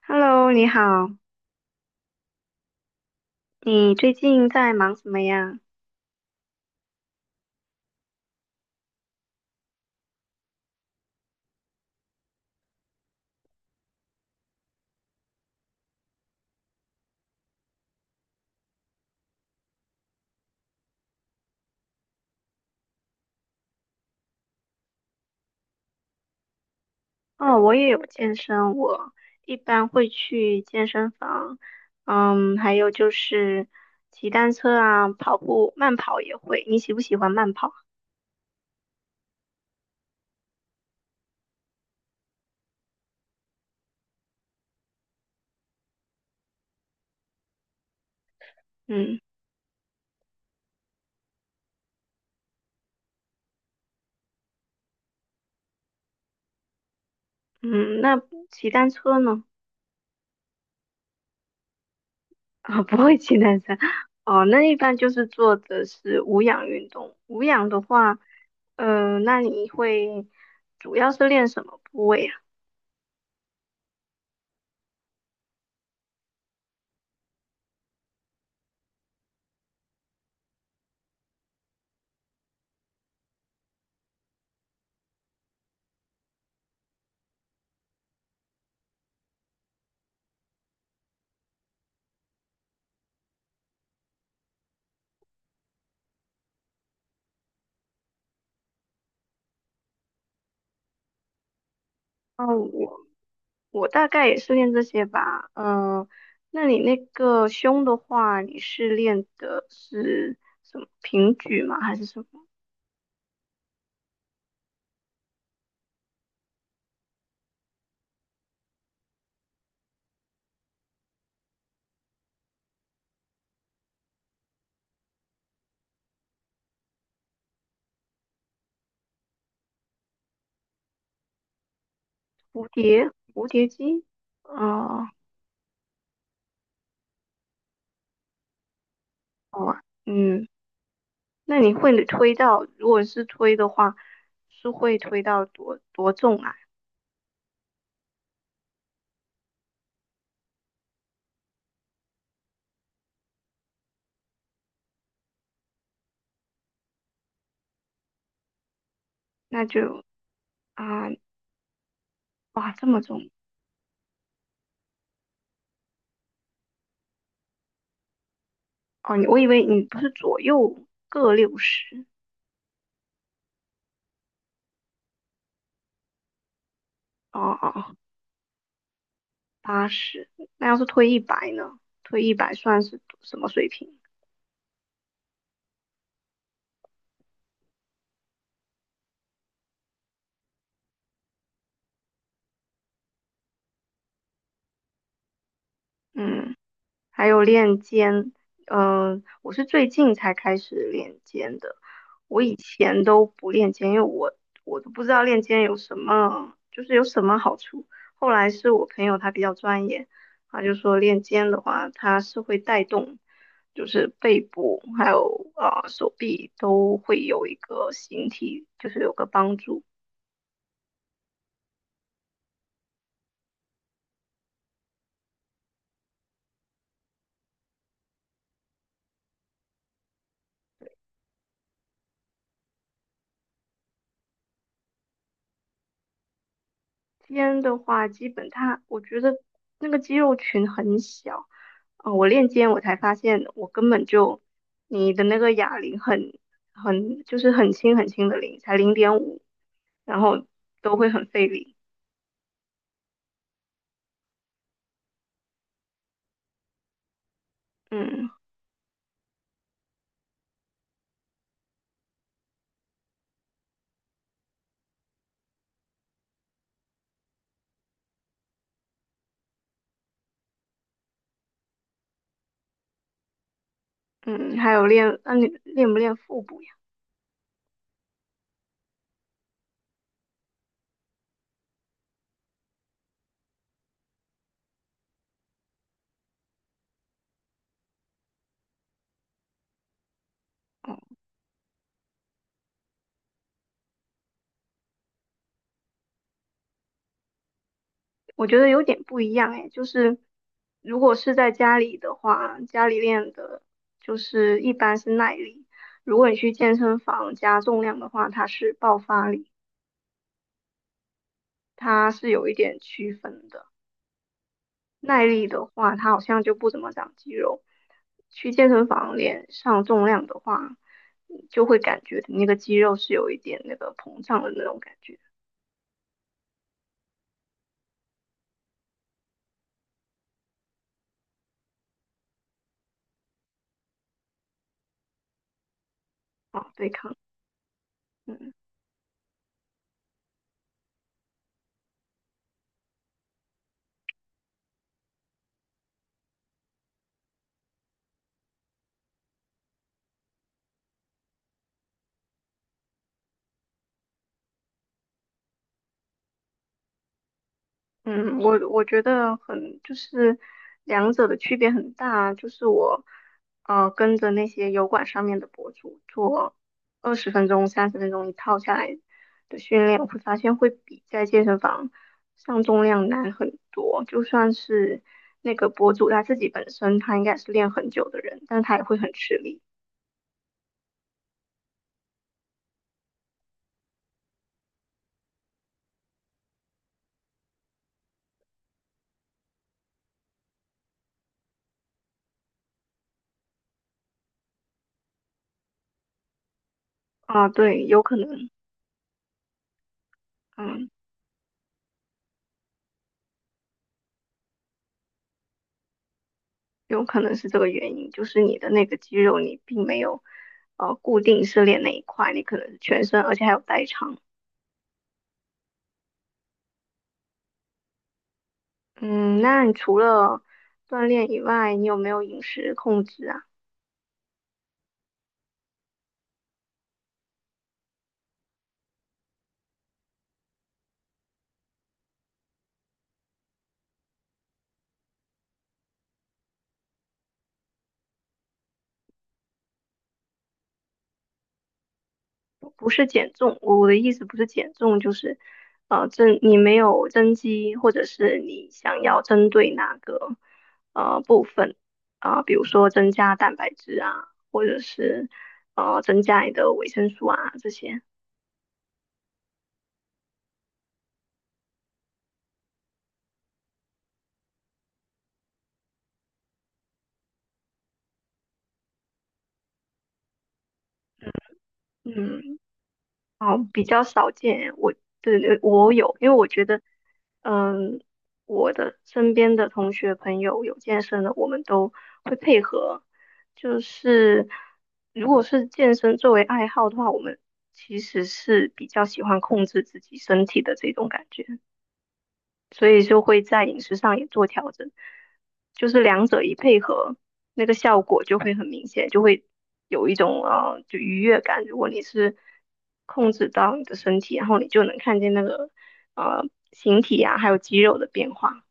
Hello，你好，你最近在忙什么呀？哦，我也有健身，我一般会去健身房，还有就是骑单车啊，跑步，慢跑也会。你喜不喜欢慢跑？嗯嗯，那骑单车呢？啊，不会骑单车。哦，那一般就是做的是无氧运动。无氧的话，那你会主要是练什么部位啊？哦，我大概也是练这些吧，那你那个胸的话，你是练的是什么平举吗？还是什么蝴蝶肌？哦，哦，嗯，那你会推到，如果是推的话，是会推到多重啊？那就啊，哇，这么重哦，我以为你不是左右各60，哦哦，八十，八十那要是推一百呢？推一百算是什么水平？嗯。还有练肩，我是最近才开始练肩的，我以前都不练肩，因为我都不知道练肩有什么，就是有什么好处。后来是我朋友他比较专业，他就说练肩的话，它是会带动，就是背部还有啊、手臂都会有一个形体，就是有个帮助。肩的话，基本它我觉得那个肌肉群很小。哦，我练肩，我才发现我根本就你的那个哑铃很就是很轻很轻的铃，才0.5，然后都会很费力。嗯嗯，还有练，那、你练不练腹部呀？哦，我觉得有点不一样哎，就是如果是在家里的话，家里练的就是一般是耐力，如果你去健身房加重量的话，它是爆发力，它是有一点区分的。耐力的话，它好像就不怎么长肌肉。去健身房练上重量的话，就会感觉你那个肌肉是有一点那个膨胀的那种感觉啊，对抗。嗯。嗯，我觉得很就是两者的区别很大，就是我跟着那些油管上面的博主做20分钟、30分钟一套下来的训练，我会发现会比在健身房上重量难很多。就算是那个博主他自己本身他应该是练很久的人，但他也会很吃力啊，对，有可能，嗯。有可能是这个原因，就是你的那个肌肉你并没有固定是练那一块，你可能是全身，而且还有代偿。嗯，那你除了锻炼以外，你有没有饮食控制啊？不是减重，我的意思不是减重，就是你没有增肌，或者是你想要针对哪个部分啊、比如说增加蛋白质啊，或者是增加你的维生素啊这些。嗯。哦，比较少见。对对，我有，因为我觉得，嗯，我的身边的同学朋友有健身的，我们都会配合。就是如果是健身作为爱好的话，我们其实是比较喜欢控制自己身体的这种感觉。所以就会在饮食上也做调整，就是两者一配合，那个效果就会很明显，就会有一种就愉悦感。如果你是控制到你的身体，然后你就能看见那个呃形体啊，还有肌肉的变化。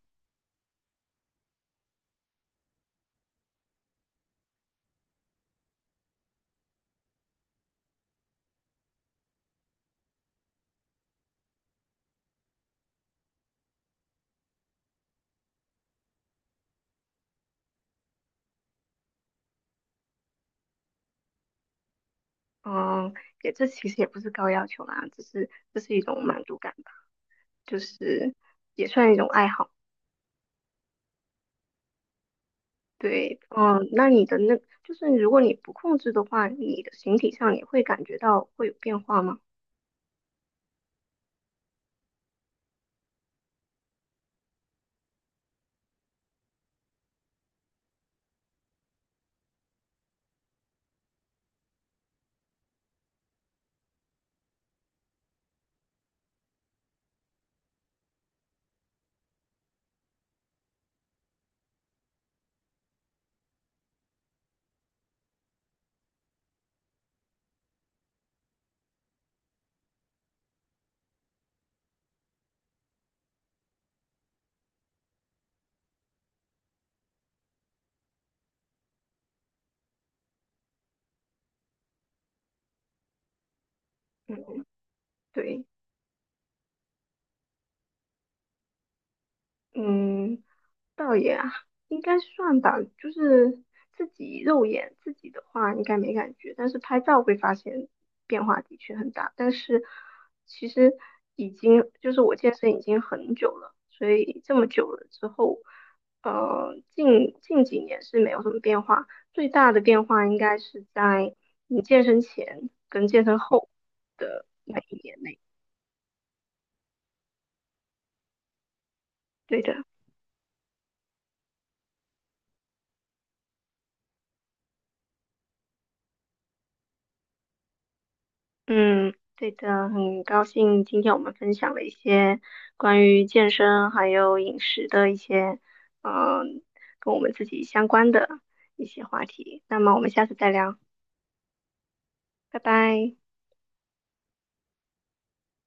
嗯，这其实也不是高要求啦，只是这是一种满足感吧，就是也算一种爱好。对，嗯，那你的那就是如果你不控制的话，你的形体上也会感觉到会有变化吗？嗯。对，嗯，倒也啊应该算吧。就是自己肉眼自己的话，应该没感觉，但是拍照会发现变化的确很大。但是其实已经就是我健身已经很久了，所以这么久了之后，近几年是没有什么变化。最大的变化应该是在你健身前跟健身后的那一年内。对的。嗯，对的，很高兴今天我们分享了一些关于健身还有饮食的一些，嗯，跟我们自己相关的一些话题。那么我们下次再聊，拜拜。